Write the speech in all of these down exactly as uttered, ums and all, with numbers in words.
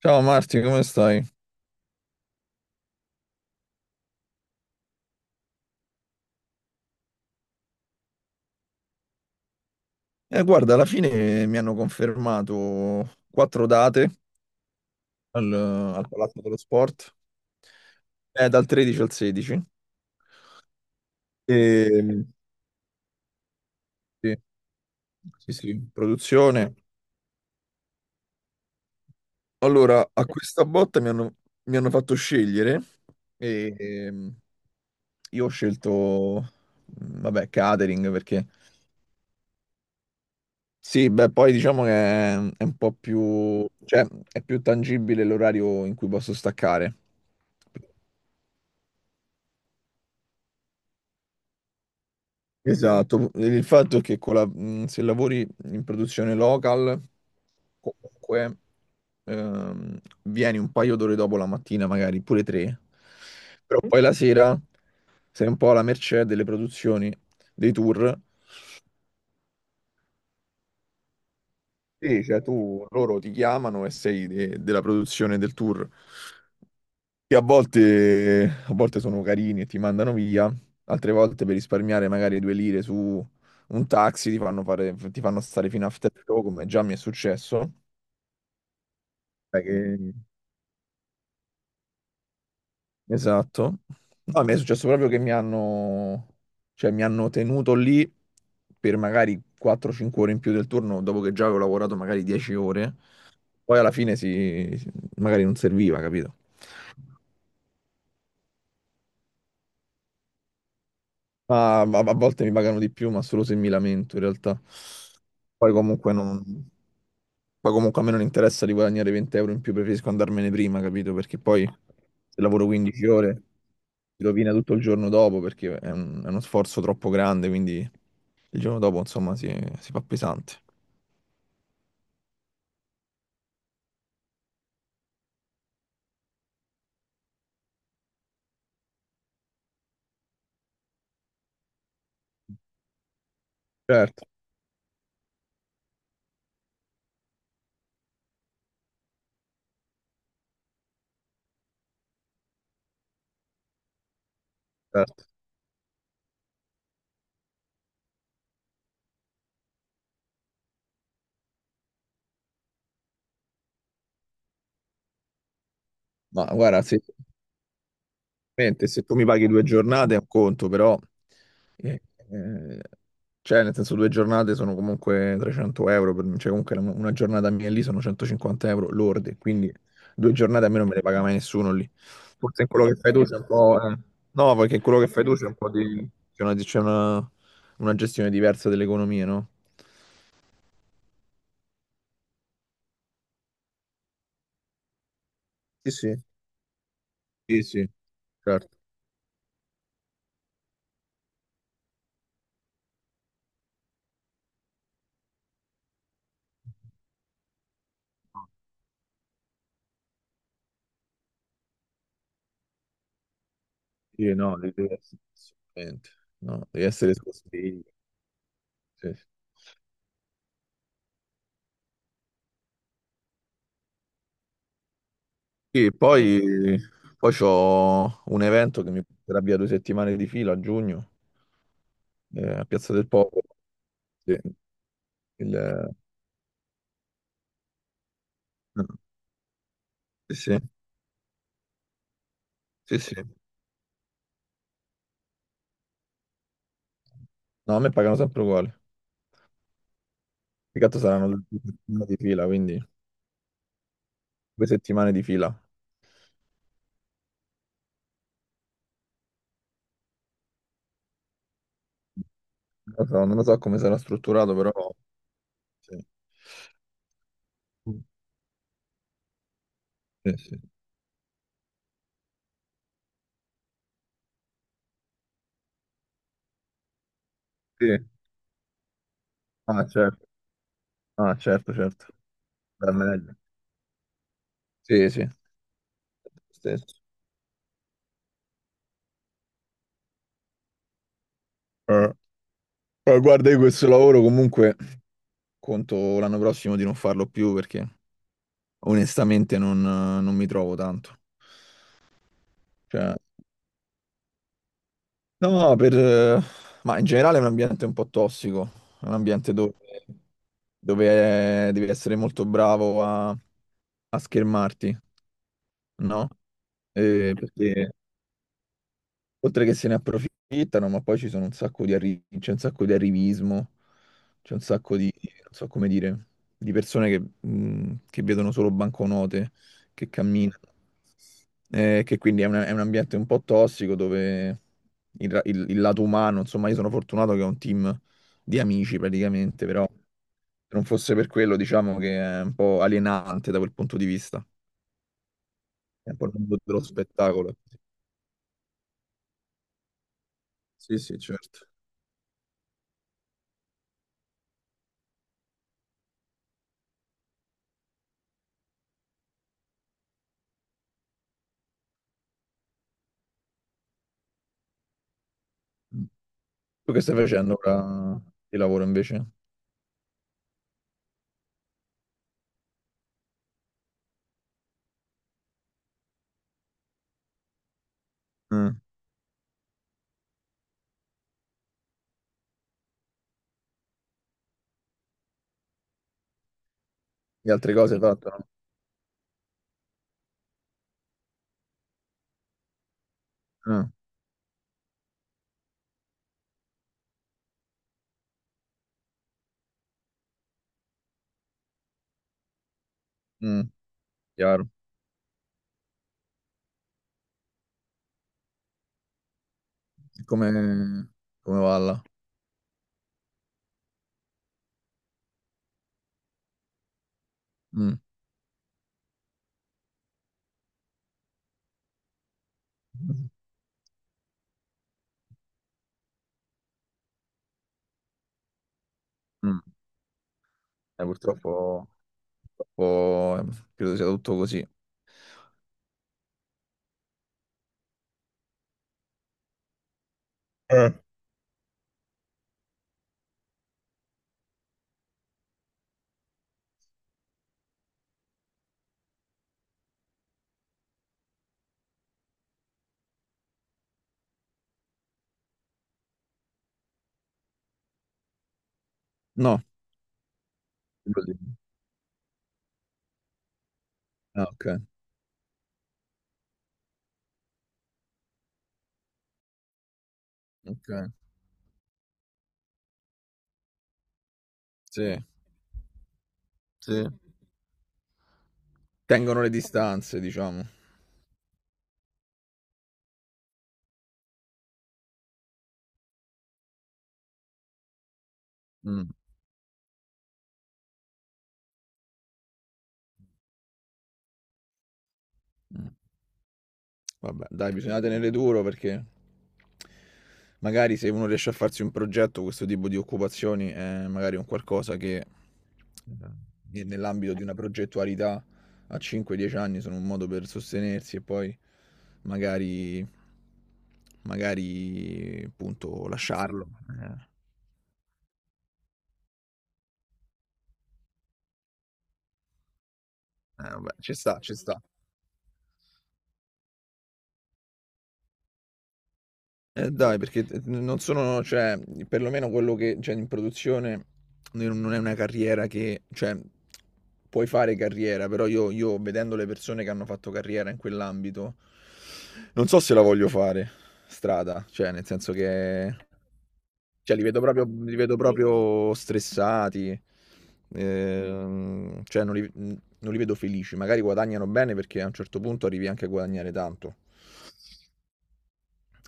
Ciao Marti, come stai? Eh, guarda, alla fine mi hanno confermato quattro date al, al Palazzo dello Sport, eh, dal tredici al sedici. E, sì, sì, sì, produzione. Allora, a questa botta mi hanno, mi hanno fatto scegliere e ehm, io ho scelto, mm, vabbè, catering perché. Sì, beh, poi diciamo che è è un po' più, cioè, è più tangibile l'orario in cui posso staccare. Esatto, il fatto è che con la- mh, se lavori in produzione local, comunque ehm, vieni un paio d'ore dopo la mattina, magari pure tre, però poi la sera sei un po' alla mercé delle produzioni, dei tour. Sì, cioè tu, loro ti chiamano e sei de- della produzione del tour. Che a volte, a volte sono carini e ti mandano via, altre volte per risparmiare magari due lire su un taxi ti fanno fare, ti fanno stare fino a after show, come già mi è successo. Sai che- Esatto. No, mi è successo proprio che mi hanno, cioè, mi hanno tenuto lì per magari quattro cinque ore in più del turno, dopo che già avevo lavorato magari dieci ore. Poi alla fine si, si- magari non serviva, capito? Ah, a, a volte mi pagano di più, ma solo se mi lamento in realtà. Poi comunque non. Poi comunque a me non interessa di guadagnare venti euro in più, preferisco andarmene prima, capito? Perché poi se lavoro quindici ore si rovina tutto il giorno dopo perché è, un- è uno sforzo troppo grande, quindi il giorno dopo insomma si, si fa pesante. Certo, certo. Ma guarda, sì. Mente, se tu mi paghi due giornate è un conto, però, eh, eh, cioè, nel senso, due giornate sono comunque trecento euro, per- cioè, comunque una una giornata mia lì sono centocinquanta euro lordi, quindi due giornate a me non me le paga mai nessuno lì. Forse in quello che fai tu c'è un po', eh, no, perché in quello che fai tu c'è un po' di, c'è una, c'è una- una gestione diversa dell'economia, no? Sì, sì. Sì, sì, certo. Sì, no, devi essere, assolutamente. No, devi essere scospigli. Sì, poi, poi c'ho un evento che mi porterà via due settimane di fila a giugno, eh, a Piazza del Popolo. Sì, il- eh, sì, sì, sì, sì. No, a me pagano sempre uguali. Che cazzo saranno due settimane di fila, quindi due settimane di fila. Non lo so, non lo so come sarà strutturato, però sì. Sì, sì. Sì. Ah, certo. Ah, certo, certo. Beh, meglio. Sì, sì. Stesso. Eh, eh, guarda, io questo lavoro comunque. Conto l'anno prossimo di non farlo più perché onestamente non, non mi trovo tanto. Cioè, no, per, ma in generale è un ambiente un po' tossico, è un ambiente dove, dove devi essere molto bravo a, a schermarti, no? Eh, perché. Oltre che se ne approfittano, ma poi ci sono un sacco di arri- c'è un sacco di arrivismo, c'è un sacco di, non so come dire, di persone che, mh, che vedono solo banconote, che camminano, eh, che quindi è, una- è un ambiente un po' tossico dove il, ra- il- il lato umano, insomma, io sono fortunato che ho un team di amici praticamente, però se non fosse per quello, diciamo che è un po' alienante da quel punto di vista, è un po' il mondo dello spettacolo. Sì, sì, certo. Tu che stai facendo ora di lavoro invece? Mm. Le altre cose hai fatto, no? Mm. Mm. Chiaro. Come, come va là? Mm. Mm. Eh, purtroppo, purtroppo, eh, credo sia tutto così. No. Così. Ah, ok. Ok. Sì, sì. Tengono le distanze, diciamo. Mm. Mm. Vabbè, dai, bisogna tenere duro perché magari se uno riesce a farsi un progetto, questo tipo di occupazioni è magari un qualcosa che eh, nell'ambito di una progettualità a cinque dieci anni sono un modo per sostenersi e poi magari, magari appunto lasciarlo. Eh, eh, vabbè, ci sta, ci sta. Eh dai, perché t n non sono cioè, perlomeno quello che c'è in produzione n non è una carriera che cioè, puoi fare carriera, però io io vedendo le persone che hanno fatto carriera in quell'ambito, non so se la voglio fare strada, cioè nel senso che cioè li vedo proprio li vedo. Sì. Proprio stressati. Mh. ehm, cioè non li v mhmm, non li vedo felici. Magari guadagnano bene perché a un certo punto arrivi anche a guadagnare tanto.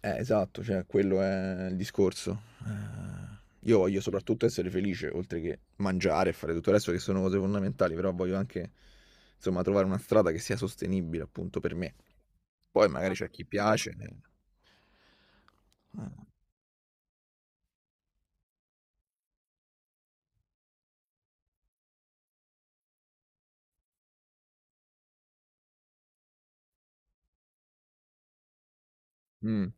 Eh, esatto, cioè quello è il discorso. Eh, io voglio soprattutto essere felice, oltre che mangiare e fare tutto il resto che sono cose fondamentali, però voglio anche, insomma, trovare una strada che sia sostenibile appunto per me. Poi magari c'è chi piace, eh. Eh. Mm,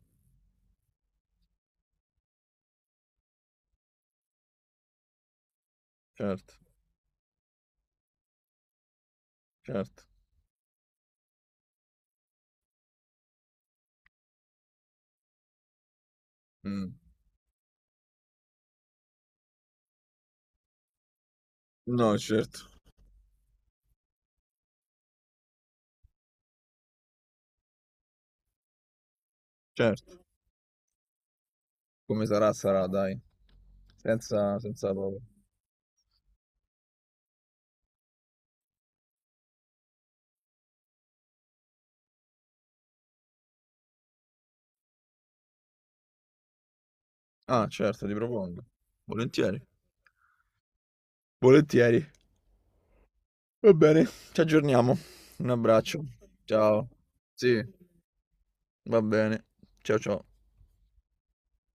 certo, certo. Mm. No, certo, certo. Come sarà, sarà, dai. Senza, senza paura. Ah, certo, ti propongo. Volentieri. Volentieri. Va bene, ci aggiorniamo. Un abbraccio. Ciao. Sì, va bene. Ciao ciao.